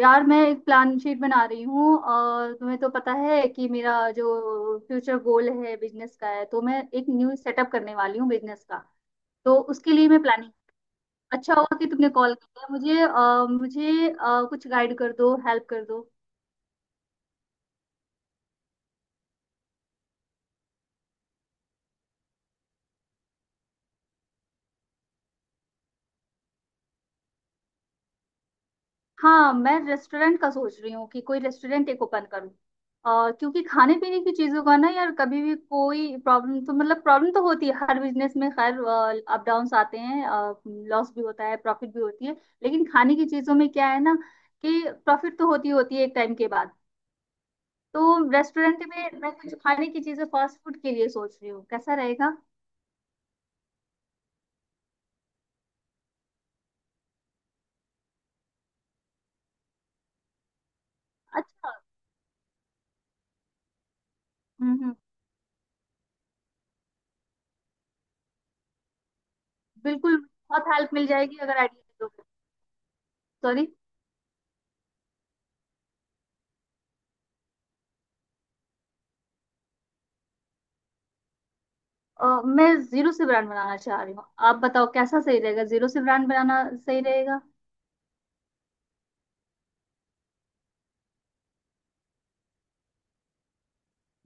यार मैं एक प्लान शीट बना रही हूँ। और तुम्हें तो पता है कि मेरा जो फ्यूचर गोल है बिजनेस का है, तो मैं एक न्यू सेटअप करने वाली हूँ बिजनेस का। तो उसके लिए मैं प्लानिंग। अच्छा हुआ कि तुमने कॉल किया। मुझे कुछ गाइड कर दो, हेल्प कर दो। हाँ, मैं रेस्टोरेंट का सोच रही हूँ कि कोई रेस्टोरेंट एक ओपन करूँ। और क्योंकि खाने पीने की चीजों का ना यार कभी भी कोई प्रॉब्लम, तो मतलब प्रॉब्लम तो होती है हर बिजनेस में। खैर, अप डाउन्स आते हैं। लॉस भी होता है, प्रॉफिट भी होती है। लेकिन खाने की चीजों में क्या है ना, कि प्रॉफिट तो होती होती है एक टाइम के बाद। तो रेस्टोरेंट में मैं कुछ खाने की चीजें फास्ट फूड के लिए सोच रही हूँ, कैसा रहेगा। अच्छा। हम्म, हम्म। बिल्कुल। बहुत हेल्प मिल जाएगी अगर आइडिया दोगे। सॉरी। मैं जीरो से ब्रांड बनाना चाह रही हूँ। आप बताओ कैसा सही रहेगा, जीरो से ब्रांड बनाना सही रहेगा।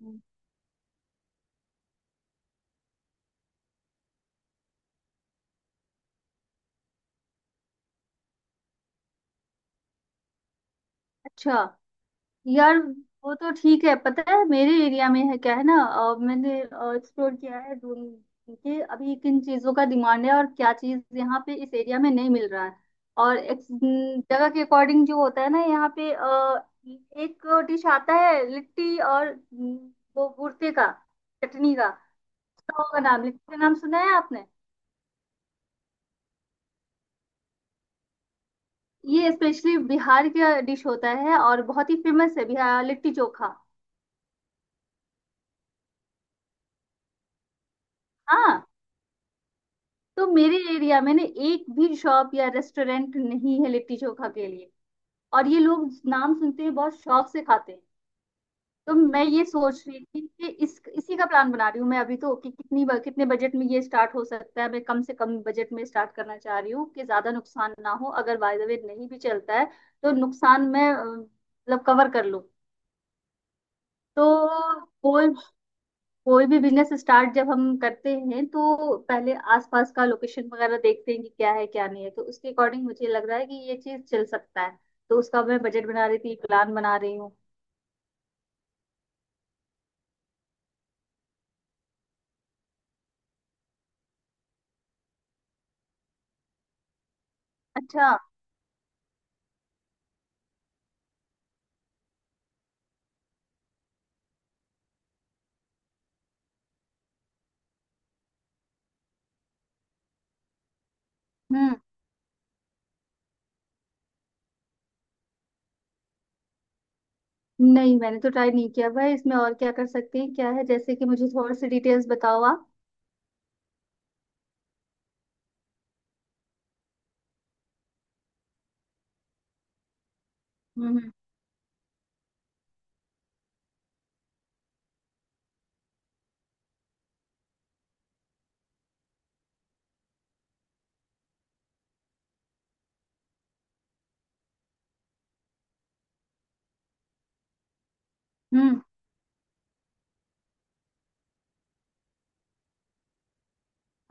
हम्म। अच्छा। यार वो तो ठीक है। पता है मेरे एरिया में है क्या, है ना। मैंने एक्सप्लोर किया है, ढूंढ कि अभी किन चीजों का डिमांड है और क्या चीज यहाँ पे इस एरिया में नहीं मिल रहा है। और एक न, जगह के अकॉर्डिंग जो होता है ना यहाँ पे, एक डिश आता है लिट्टी। और न, वो भुर्ते का, चटनी का। उसका होगा नाम। लिट्टी का नाम सुना है आपने? ये स्पेशली बिहार का डिश होता है और बहुत ही फेमस है, बिहार लिट्टी चोखा। हाँ। तो मेरे एरिया में ना एक भी शॉप या रेस्टोरेंट नहीं है लिट्टी चोखा के लिए। और ये लोग नाम सुनते ही बहुत शौक से खाते हैं। तो मैं ये सोच रही थी कि इस इसी का प्लान बना रही हूँ मैं अभी, तो कि कितने बजट में ये स्टार्ट हो सकता है। मैं कम से कम बजट में स्टार्ट करना चाह रही हूँ कि ज्यादा नुकसान ना हो, अगर बाय द वे नहीं भी चलता है तो नुकसान मैं मतलब कवर कर लूँ। तो बोल। कोई भी बिजनेस स्टार्ट जब हम करते हैं, तो पहले आसपास का लोकेशन वगैरह देखते हैं कि क्या है क्या नहीं है, तो उसके अकॉर्डिंग मुझे लग रहा है कि ये चीज चल सकता है। तो उसका मैं बजट बना रही थी, प्लान बना रही हूँ। अच्छा। हम्म। नहीं, मैंने तो ट्राई नहीं किया भाई इसमें। और क्या कर सकते हैं क्या है, जैसे कि मुझे थोड़ी सी डिटेल्स बताओ आप। हम्म, हम्म।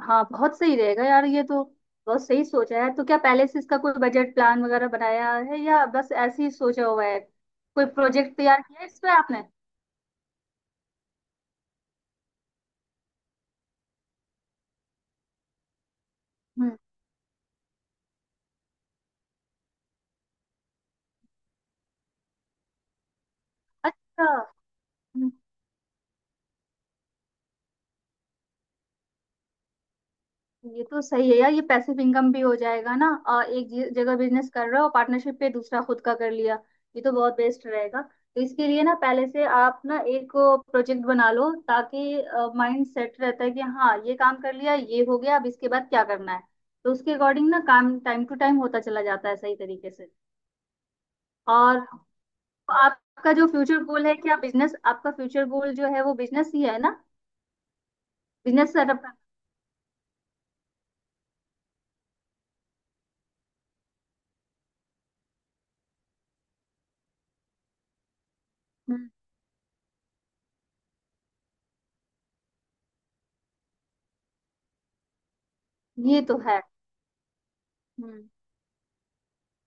हाँ, बहुत सही रहेगा यार ये तो। बहुत सही सोचा है। तो क्या पहले से इसका कोई बजट प्लान वगैरह बनाया है, या बस ऐसे ही सोचा हुआ है, कोई प्रोजेक्ट तैयार किया है इस पे आपने? हम्म। अच्छा। हम्म। ये तो सही है यार, ये पैसिव इनकम भी हो जाएगा ना। और एक जगह बिजनेस कर रहे हो पार्टनरशिप पे, दूसरा खुद का कर लिया। ये तो बहुत बेस्ट रहेगा। तो इसके लिए ना पहले से आप ना एक प्रोजेक्ट बना लो, ताकि माइंड सेट रहता है कि हाँ ये काम कर लिया, ये हो गया, अब इसके बाद क्या करना है। तो उसके अकॉर्डिंग ना काम टाइम टू टाइम होता चला जाता है सही तरीके से। और आपका जो फ्यूचर गोल है क्या, बिजनेस? आपका फ्यूचर गोल जो है वो बिजनेस ही है ना, बिजनेस सेटअप करना। हम्म, ये तो है। हम्म।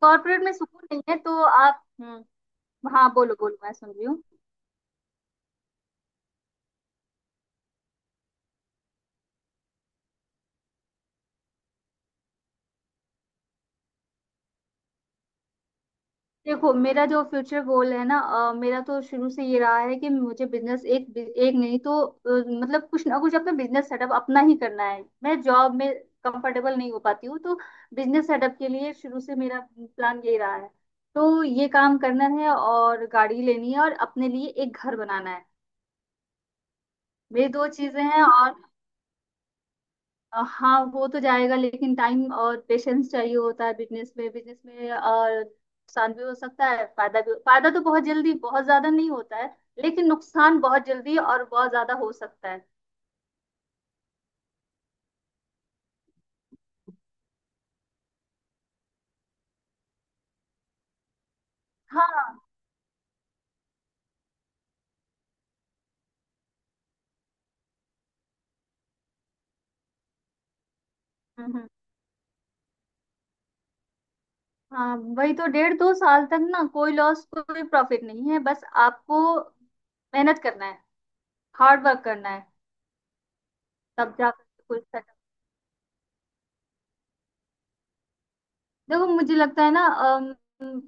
कॉर्पोरेट में सुकून नहीं है तो आप। हम्म। हाँ बोलो, बोलो, मैं सुन रही हूँ। देखो, मेरा जो फ्यूचर गोल है ना, मेरा तो शुरू से ये रहा है कि मुझे बिजनेस, एक एक नहीं तो मतलब कुछ ना कुछ अपना बिजनेस सेटअप अपना ही करना है। मैं जॉब में कंफर्टेबल नहीं हो पाती हूँ, तो बिजनेस सेटअप के लिए शुरू से मेरा प्लान यही रहा है। तो ये काम करना है और गाड़ी लेनी है और अपने लिए एक घर बनाना है। मेरी दो चीजें हैं। और हाँ, वो तो जाएगा, लेकिन टाइम और पेशेंस चाहिए होता है बिजनेस में। बिजनेस में और नुकसान भी हो सकता है, फायदा भी। फायदा तो बहुत जल्दी बहुत ज्यादा नहीं होता है, लेकिन नुकसान बहुत जल्दी और बहुत ज्यादा हो सकता है। हाँ। हम्म, हम्म। हाँ वही तो, डेढ़ दो साल तक ना कोई लॉस कोई प्रॉफिट नहीं है, बस आपको मेहनत करना है, हार्ड वर्क करना है। तब जाकर कुछ। देखो मुझे लगता है ना,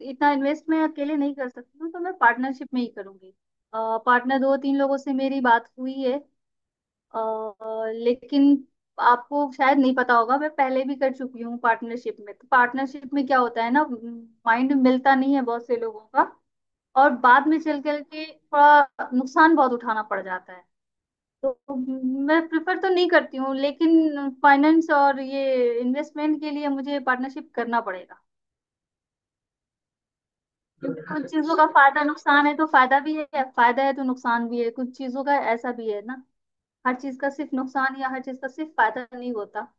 इतना इन्वेस्ट मैं अकेले नहीं कर सकती हूँ, तो मैं पार्टनरशिप में ही करूंगी। पार्टनर दो तीन लोगों से मेरी बात हुई है। लेकिन आपको शायद नहीं पता होगा, मैं पहले भी कर चुकी हूँ पार्टनरशिप में। तो पार्टनरशिप में क्या होता है ना, माइंड मिलता नहीं है बहुत से लोगों का। और बाद में चल कर के थोड़ा नुकसान बहुत उठाना पड़ जाता है। तो मैं प्रिफर तो नहीं करती हूँ, लेकिन फाइनेंस और ये इन्वेस्टमेंट के लिए मुझे पार्टनरशिप करना पड़ेगा। कुछ चीजों का फायदा नुकसान है, तो फायदा भी है, फायदा है तो नुकसान भी है, कुछ चीजों का ऐसा भी है ना। हर चीज का सिर्फ नुकसान या हर चीज का सिर्फ फायदा नहीं होता।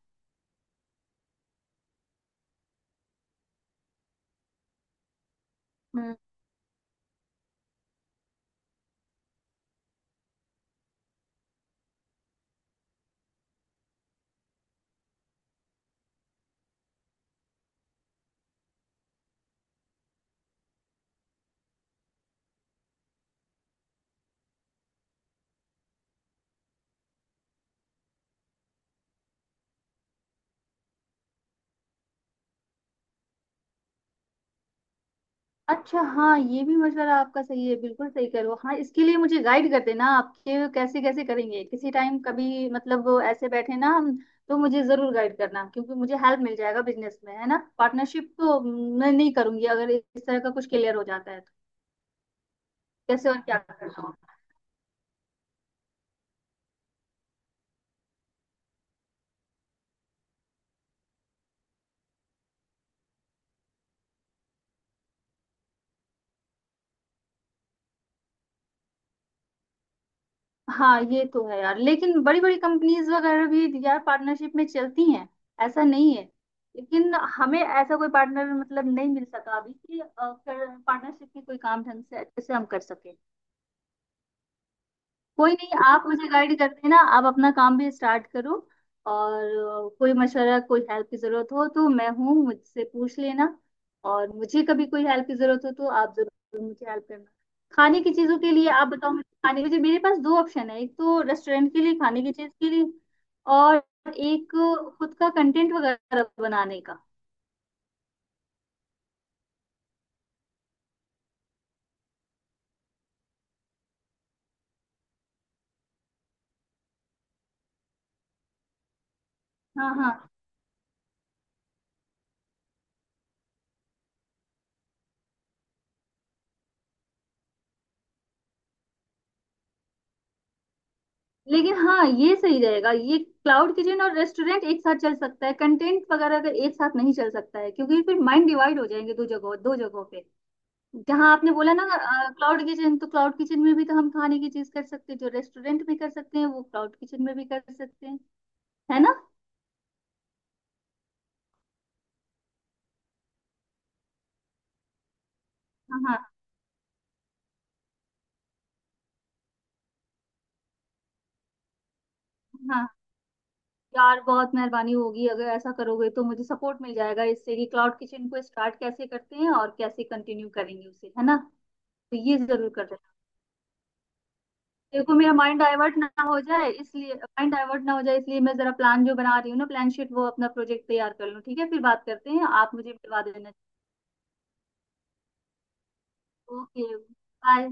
हम्म। अच्छा। हाँ, ये भी मशवरा आपका सही है, बिल्कुल सही करो। हाँ, इसके लिए मुझे गाइड कर देना आपके, कैसे कैसे करेंगे किसी टाइम कभी, मतलब वो ऐसे बैठे ना हम, तो मुझे जरूर गाइड करना, क्योंकि मुझे हेल्प मिल जाएगा। बिजनेस में है ना, पार्टनरशिप तो मैं नहीं करूंगी, अगर इस तरह का कुछ क्लियर हो जाता है तो कैसे और क्या करना होगा। हाँ ये तो है यार, लेकिन बड़ी बड़ी कंपनीज वगैरह भी यार पार्टनरशिप में चलती हैं। ऐसा नहीं है। लेकिन हमें ऐसा कोई पार्टनर मतलब नहीं मिल सका अभी, कि पार्टनरशिप में कोई काम ढंग से अच्छे से हम कर सके। कोई नहीं, आप मुझे गाइड कर देना, आप अपना काम भी स्टार्ट करो। और कोई मशवरा कोई हेल्प की जरूरत हो तो मैं हूँ, मुझसे पूछ लेना। और मुझे कभी कोई हेल्प की जरूरत हो तो आप जरूर मुझे हेल्प करना। खाने की चीजों के लिए आप बताओ मुझे। खाने, मुझे मेरे पास दो ऑप्शन है, एक तो रेस्टोरेंट के लिए, खाने की चीज के लिए, और एक खुद का कंटेंट वगैरह बनाने का। हाँ, हाँ। लेकिन हाँ, ये सही रहेगा, ये क्लाउड किचन और रेस्टोरेंट एक साथ चल सकता है, कंटेंट वगैरह का एक साथ नहीं चल सकता है, क्योंकि फिर माइंड डिवाइड हो जाएंगे दो जगहों, दो जगहों पे। जहाँ आपने बोला ना क्लाउड किचन, तो क्लाउड किचन में भी तो हम खाने की चीज कर सकते हैं, जो रेस्टोरेंट में कर सकते हैं वो क्लाउड किचन में भी कर सकते हैं, है ना। हाँ, हाँ, हाँ। यार बहुत मेहरबानी होगी अगर ऐसा करोगे, तो मुझे सपोर्ट मिल जाएगा इससे, कि क्लाउड किचन को स्टार्ट कैसे करते हैं और कैसे कंटिन्यू करेंगे उसे, है ना। तो ये जरूर कर। देखो मेरा माइंड डाइवर्ट ना हो जाए इसलिए, माइंड डाइवर्ट ना हो जाए इसलिए मैं जरा प्लान जो बना रही हूँ ना प्लान शीट, वो अपना प्रोजेक्ट तैयार कर लूँ, ठीक है, फिर बात करते हैं, आप मुझे मिलवा देना। Okay bye.